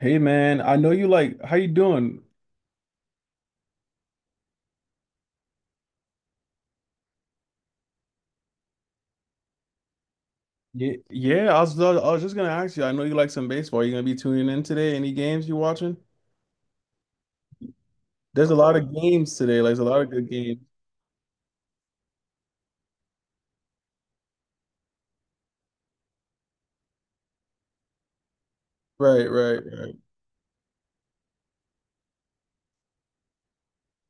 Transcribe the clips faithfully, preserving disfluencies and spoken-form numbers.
Hey man, I know you like how you doing? Yeah, yeah, I was I was just gonna ask you. I know you like some baseball. You gonna be tuning in today? Any games you watching? There's a lot of games today. Like, there's a lot of good games. Right, right, right.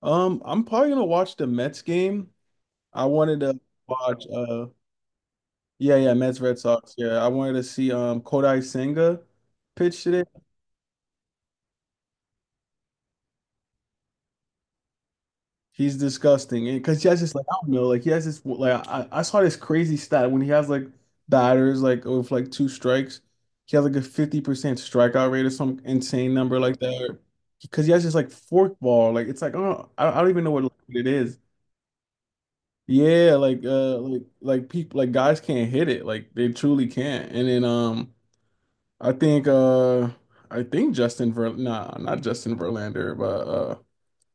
Um, I'm probably gonna watch the Mets game. I wanted to watch uh Yeah, yeah, Mets Red Sox. Yeah, I wanted to see um Kodai Senga pitch today. He's disgusting, and because he has this like I don't know, like he has this like I, I saw this crazy stat when he has like batters like with like two strikes, he has like a fifty percent strikeout rate or some insane number like that. Because he has this like forkball, like it's like oh I, I don't even know what it is. Yeah, like uh like like people like guys can't hit it, like they truly can't. And then um I think uh I think Justin Ver nah, not Justin Verlander but uh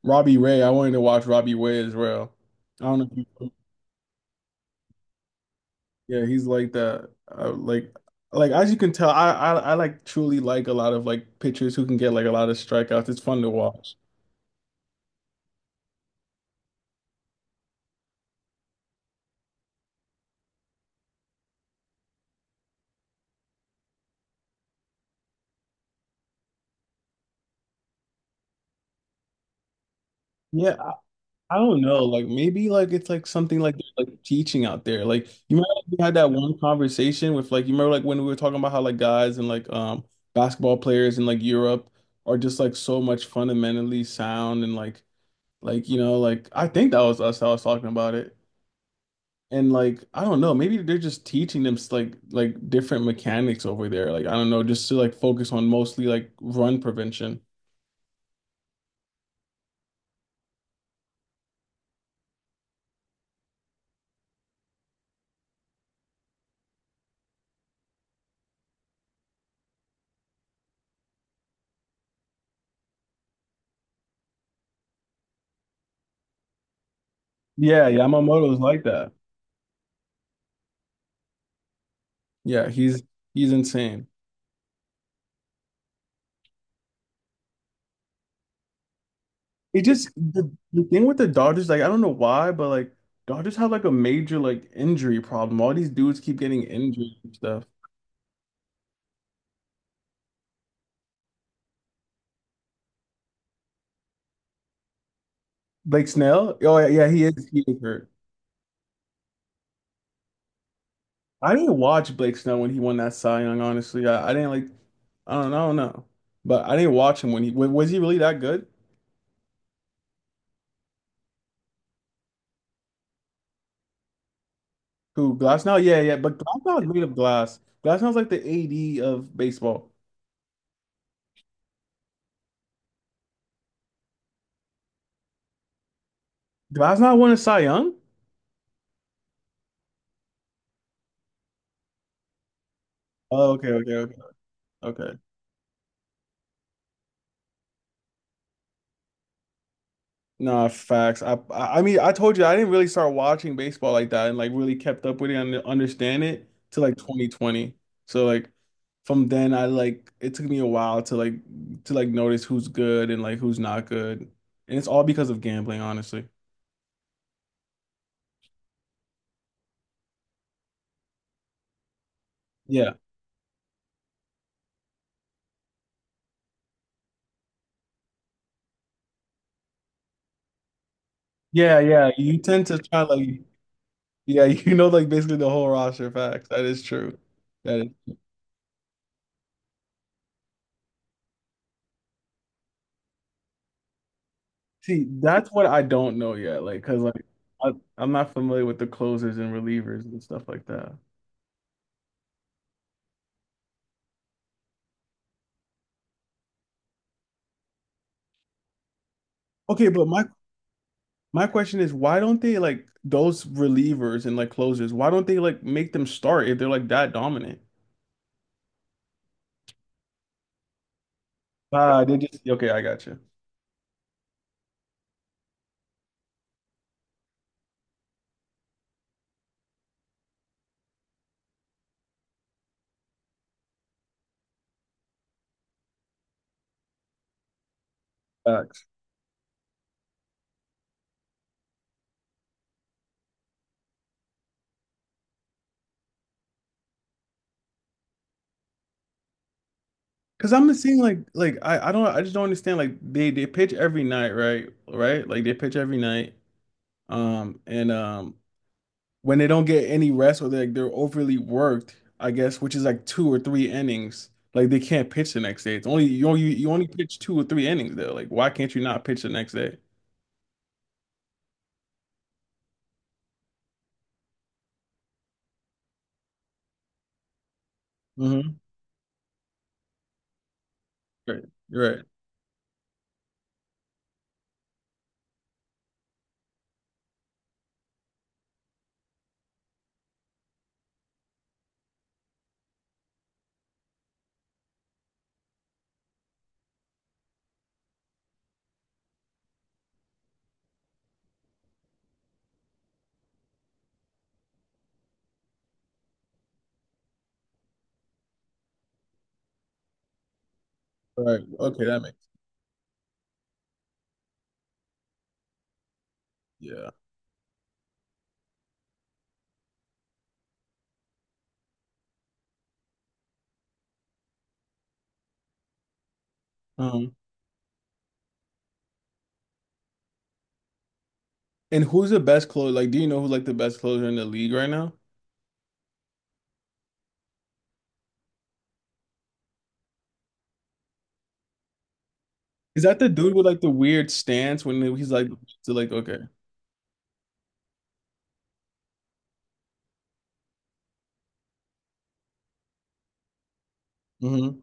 Robbie Ray. I wanted to watch Robbie Ray as well. I don't know if you, yeah, he's like that. Uh, like, like as you can tell, I, I I like truly like a lot of like pitchers who can get like a lot of strikeouts. It's fun to watch. Yeah, I, I don't know. Like maybe like it's like something like like teaching out there. Like you remember like, we had that one conversation with like you remember like when we were talking about how like guys and like um basketball players in like Europe are just like so much fundamentally sound and like like you know like I think that was us that was talking about it. And like, I don't know, maybe they're just teaching them s- like like different mechanics over there. Like, I don't know, just to like focus on mostly like run prevention. Yeah, Yamamoto is like that. Yeah, he's he's insane. It just the, the, thing with the Dodgers, like I don't know why, but like Dodgers have like a major like injury problem. All these dudes keep getting injured and stuff. Blake Snell? Oh yeah, yeah, he is he is hurt. I didn't watch Blake Snow when he won that Cy Young, honestly. I, I didn't like, I don't know, I don't know. But I didn't watch him when he, wa- was he really that good? Who, Glasnow? Yeah, yeah, but Glasnow is made of glass. Glasnow's like the A D of baseball. Glasnow won a Cy Young? Oh, okay, okay, okay, okay. No, facts. I, I I mean, I told you I didn't really start watching baseball like that and like really kept up with it and understand it till like twenty twenty. So like from then I like it took me a while to like to like notice who's good and like who's not good. And it's all because of gambling, honestly. Yeah. Yeah, yeah. You tend to try like yeah, you know like basically the whole roster facts. That is true. That is See, that's what I don't know yet. Like, cause like I, I'm not familiar with the closers and relievers and stuff like that. Okay, but my My question is, why don't they like those relievers and like closers? Why don't they like make them start if they're like that dominant? Ah, they just. Okay, I got you. Facts. Cause I'm just seeing like like I, I don't I just don't understand like they they pitch every night right right like they pitch every night um and um when they don't get any rest or they're, like, they're overly worked I guess which is like two or three innings like they can't pitch the next day it's only you only you only pitch two or three innings there like why can't you not pitch the next day? Hmm. Right, right. Right. Okay, that makes. Yeah. Um, and who's the best closer? Like, do you know who's like the best closer in the league right now? Is that the dude with like the weird stance when he's like to like. Okay, mm-hmm.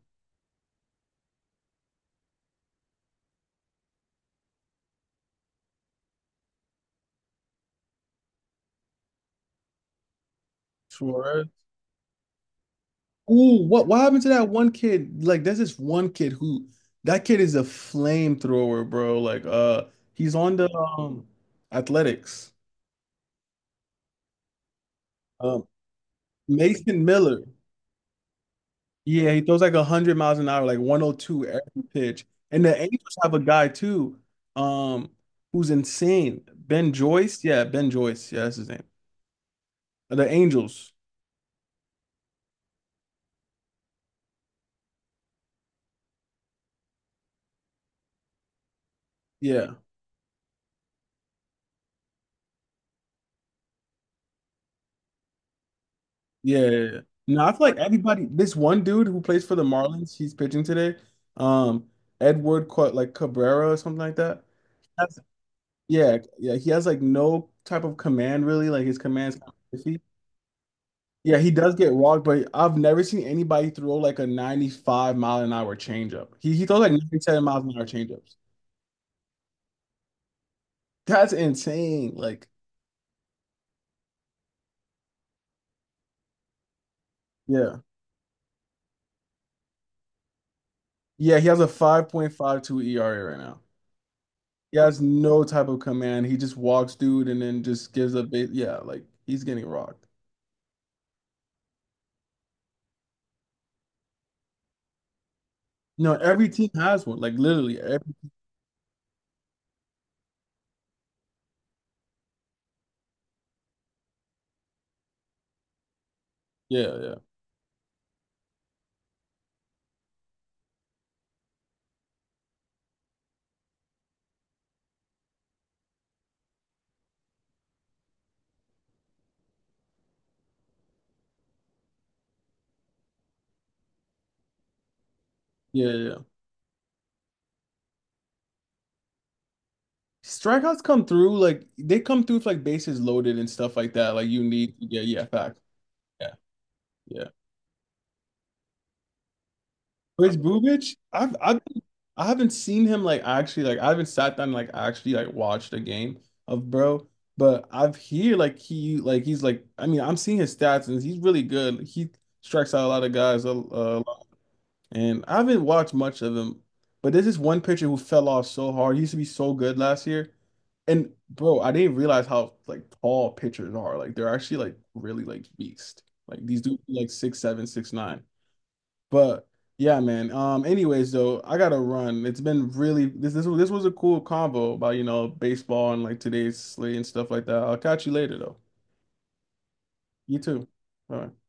Suarez? Ooh, what what happened to that one kid? Like, there's this one kid who that kid is a flamethrower, bro. Like, uh, he's on the um Athletics. Um, Mason Miller. Yeah, he throws like a hundred miles an hour, like one oh two every pitch. And the Angels have a guy too, um, who's insane. Ben Joyce. Yeah, Ben Joyce. Yeah, that's his name. The Angels. Yeah. Yeah. Yeah, yeah. No, I feel like everybody, this one dude who plays for the Marlins, he's pitching today. Um, Edward Ca- like Cabrera or something like that. That's. Yeah, yeah. He has like no type of command really. Like his command's kind of iffy. Yeah, he does get walked, but I've never seen anybody throw like a ninety-five mile an hour changeup. He he throws like ninety-seven miles an hour changeups. That's insane. Like, yeah. Yeah, he has a five point five two E R A right now. He has no type of command. He just walks dude and then just gives a bit. Yeah, like he's getting rocked. No, every team has one. Like literally every. Yeah, yeah. Yeah, yeah. Yeah. Strikeouts come through like they come through with like bases loaded and stuff like that. Like you need. Yeah, yeah, fact. Yeah, yeah. Chris Bubich? I've I've I haven't seen him like actually like I haven't sat down and, like actually like watched a game of bro, but I've hear like he like he's like I mean I'm seeing his stats and he's really good. He strikes out a lot of guys a, a and I haven't watched much of him, but there's this one pitcher who fell off so hard. He used to be so good last year, and bro, I didn't realize how like tall pitchers are. Like they're actually like really like beast. Like these dudes are, like six seven, six nine. But yeah, man. Um, anyways, though, I gotta run. It's been really this this was- this was a cool convo about, you know, baseball and like today's slate and stuff like that. I'll catch you later though. You too. All right.